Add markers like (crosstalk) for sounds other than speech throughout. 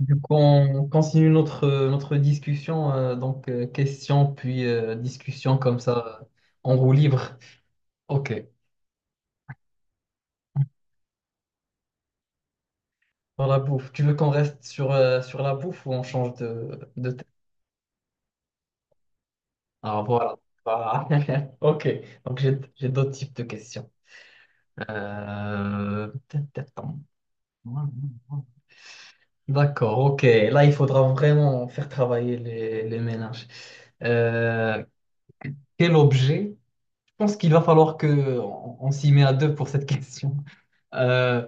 Du coup, on continue notre discussion, donc question puis discussion comme ça, en roue libre. Ok, pour la bouffe. Tu veux qu'on reste sur la bouffe ou on change de thème? Ah voilà. Voilà. (laughs) Ok, donc j'ai d'autres types de questions. Euh, D'accord, ok. Là, il faudra vraiment faire travailler les ménages. Euh, Quel objet? Je pense qu'il va falloir que on s'y met à deux pour cette question. Euh,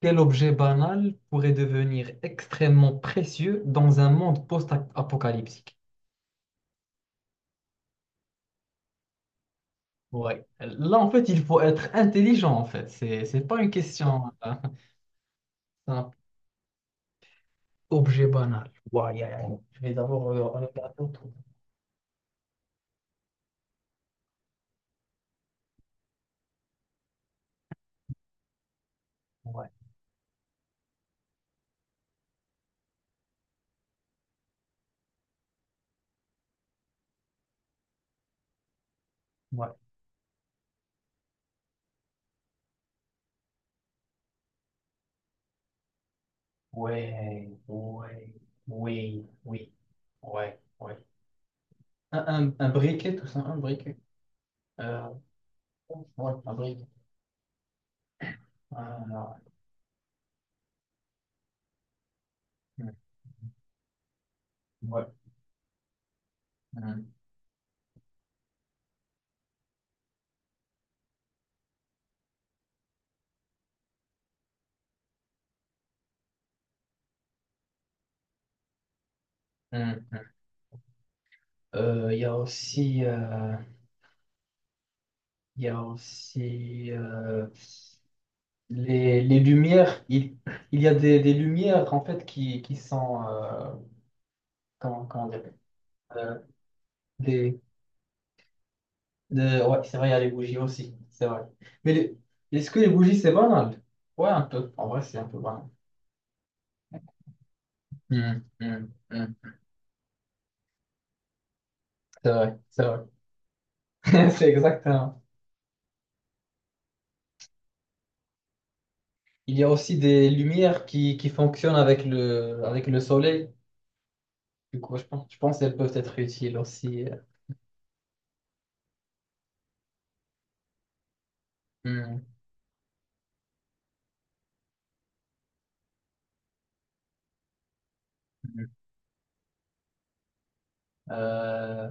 Quel objet banal pourrait devenir extrêmement précieux dans un monde post-apocalyptique? Ouais. Là, en fait, il faut être intelligent, en fait. C'est pas une question simple. Objet banal. Ouais, ouais, ouais. Je vais d'abord regarder autour. Ouais, ouais, ouais, ouais, oui, oui, ouais, ouais. Un briquet, tout ça, un briquet. Euh, ouais, un briquet. Ah, ouais. Hmm, ouais. Hmm, hmm, hmm. Euh, Il y a aussi. euh, Il y a aussi les lumières. Il y a des lumières en fait qui sont comment dire euh, des, ouais, c'est vrai, il y a les bougies aussi, c'est vrai. Mais est-ce que les bougies c'est banal? Ouais, un peu. En vrai, c'est un peu banal. Hmm, hmm, hmm. C'est vrai, c'est vrai. (laughs) C'est exactement. Il y a aussi des lumières qui fonctionnent avec le soleil. Du coup, je pense qu'elles peuvent être utiles aussi. Hmm, hmm. Euh,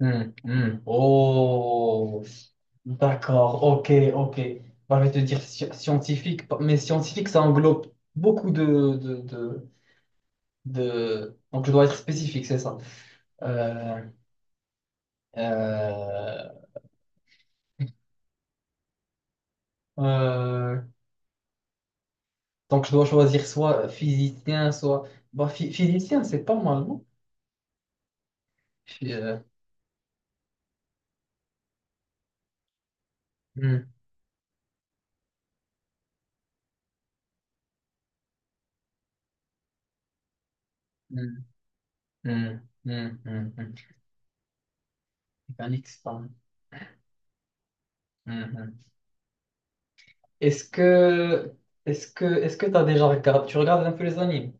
Hmm, hmm. Oh, d'accord, ok, ok. Bah, je vais te dire scientifique, mais scientifique, ça englobe beaucoup de. Donc, je dois être spécifique, c'est ça. Euh, euh, euh, donc, je dois choisir soit physicien, soit... Bah, physicien, c'est pas mal, non? Phy- euh, hmm, hmm, hmm, hmm, hmm, hmm. Mécanique, c'est pas mal. Hmm, hmm. Est-ce que... Est-ce que t'as déjà regardé... Tu regardes un peu les animes?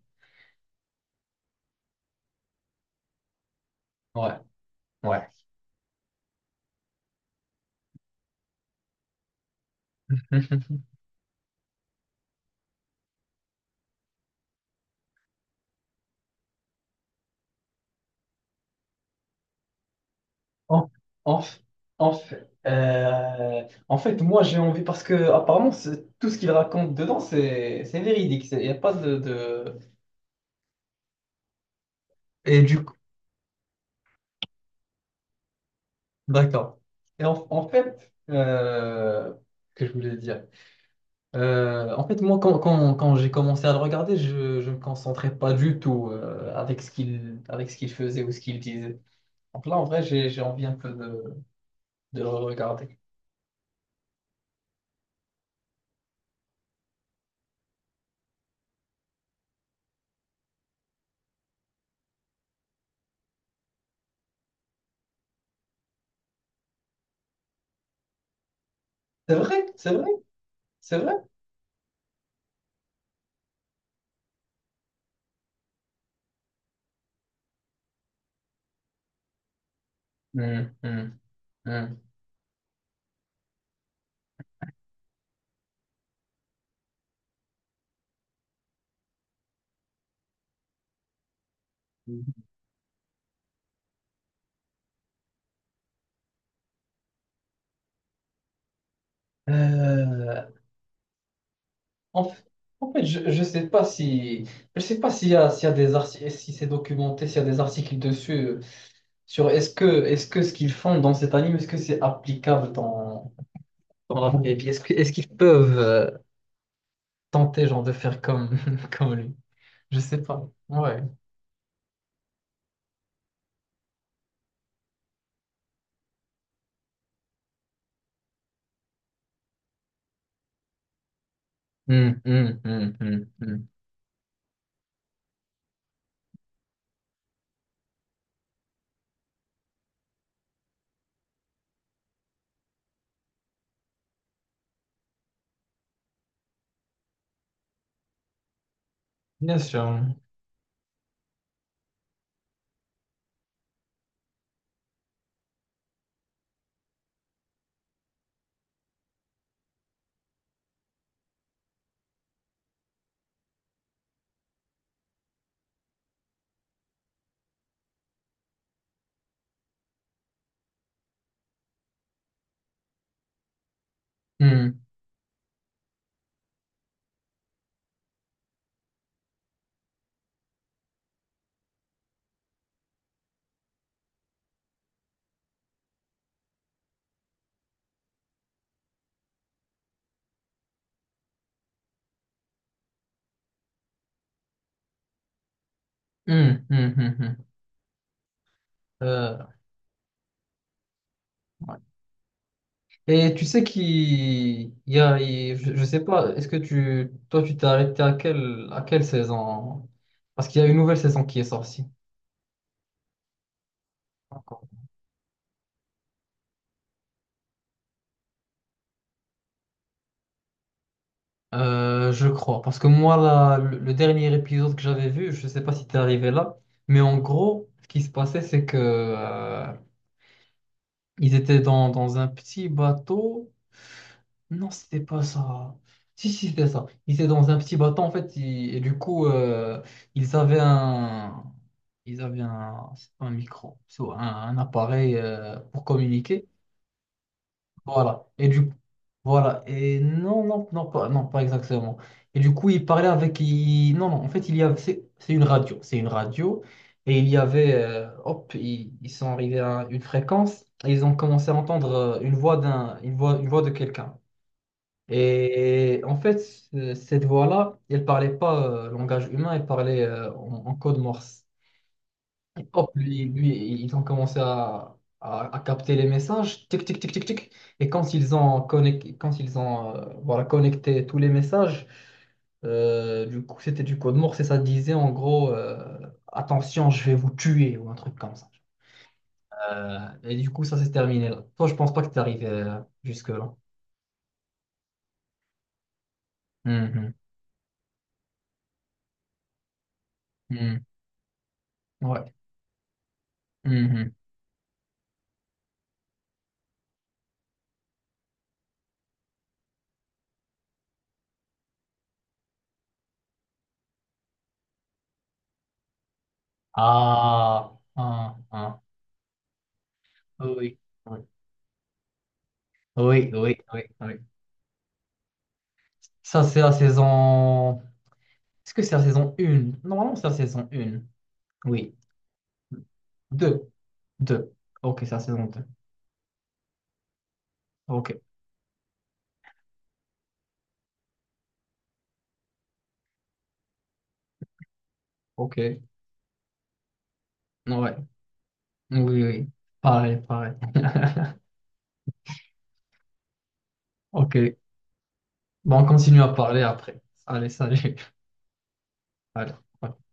Ouais. Ouais. (laughs) En, en, f- en fait, moi j'ai envie parce que apparemment tout ce qu'il raconte dedans c'est véridique. Il n'y a pas de. Et du coup, d'accord. Et en fait, que je voulais dire. En fait, moi quand j'ai commencé à le regarder, je me concentrais pas du tout avec ce qu'il faisait ou ce qu'il disait. Donc là, en vrai, j'ai envie un peu de le regarder. C'est vrai, c'est vrai, c'est vrai. Hmm, hmm, hmm. Euh, en, f- en fait, je ne sais pas si je sais pas s'il y a des articles, si c'est documenté, s'il y a des articles dessus sur est-ce que ce qu'ils font dans cet anime, est-ce que c'est applicable dans la vraie vie? Est-ce qu'ils peuvent tenter genre de faire comme (laughs) comme lui? Je sais pas. Ouais. Hmm, hmm, hmm, hmm, hmm. Bien sûr. Hmm, hmm, hmm, hmm, hmm. Euh, Et tu sais qu'il il y a, il- je sais pas, est-ce que toi, tu t'es arrêté à quelle saison? Parce qu'il y a une nouvelle saison qui est sortie. Encore. Je crois. Parce que moi, là, le dernier épisode que j'avais vu, je sais pas si t'es arrivé là, mais en gros, ce qui se passait, c'est que, ils étaient dans un petit bateau. Non, c'était pas ça. Si, si, c'était ça. Ils étaient dans un petit bateau, en fait, et du coup, ils avaient un. Ils avaient un micro, un appareil pour communiquer. Voilà. Et du voilà. Et non, non, non, pas, non, pas exactement. Et du coup, ils parlaient avec. Non, non, en fait, il y avait. C'est une radio. C'est une radio. Et il y avait. Hop, ils sont arrivés à une fréquence. Et ils ont commencé à entendre une voix d'un, une voix de quelqu'un. Et en fait, cette voix-là, elle parlait pas langage humain, elle parlait en code morse. Hop, ils ont commencé à capter les messages, tic, tic, tic, tic, tic. Et quand quand ils ont voilà, connecté tous les messages, du coup, c'était du code morse et ça disait en gros, attention, je vais vous tuer ou un truc comme ça. Euh, et du coup, ça s'est terminé là. Toi, je pense pas que t'es arrivé jusque-là. Mhm. Mhm. Ouais. Mhm. Ah, ah, ah. Oui. Oui, oui, oui, oui. Oui. Ça, c'est la saison. Est-ce que c'est la saison 1? Normalement, c'est la saison 1. Oui. Deux. Deux. Ok, c'est la saison 2. Ok. Ok. Ouais. Oui, oui. Pareil, pareil. (laughs) Ok. Bon, on continue à parler après. Allez, salut. (laughs) Allez. Ouais.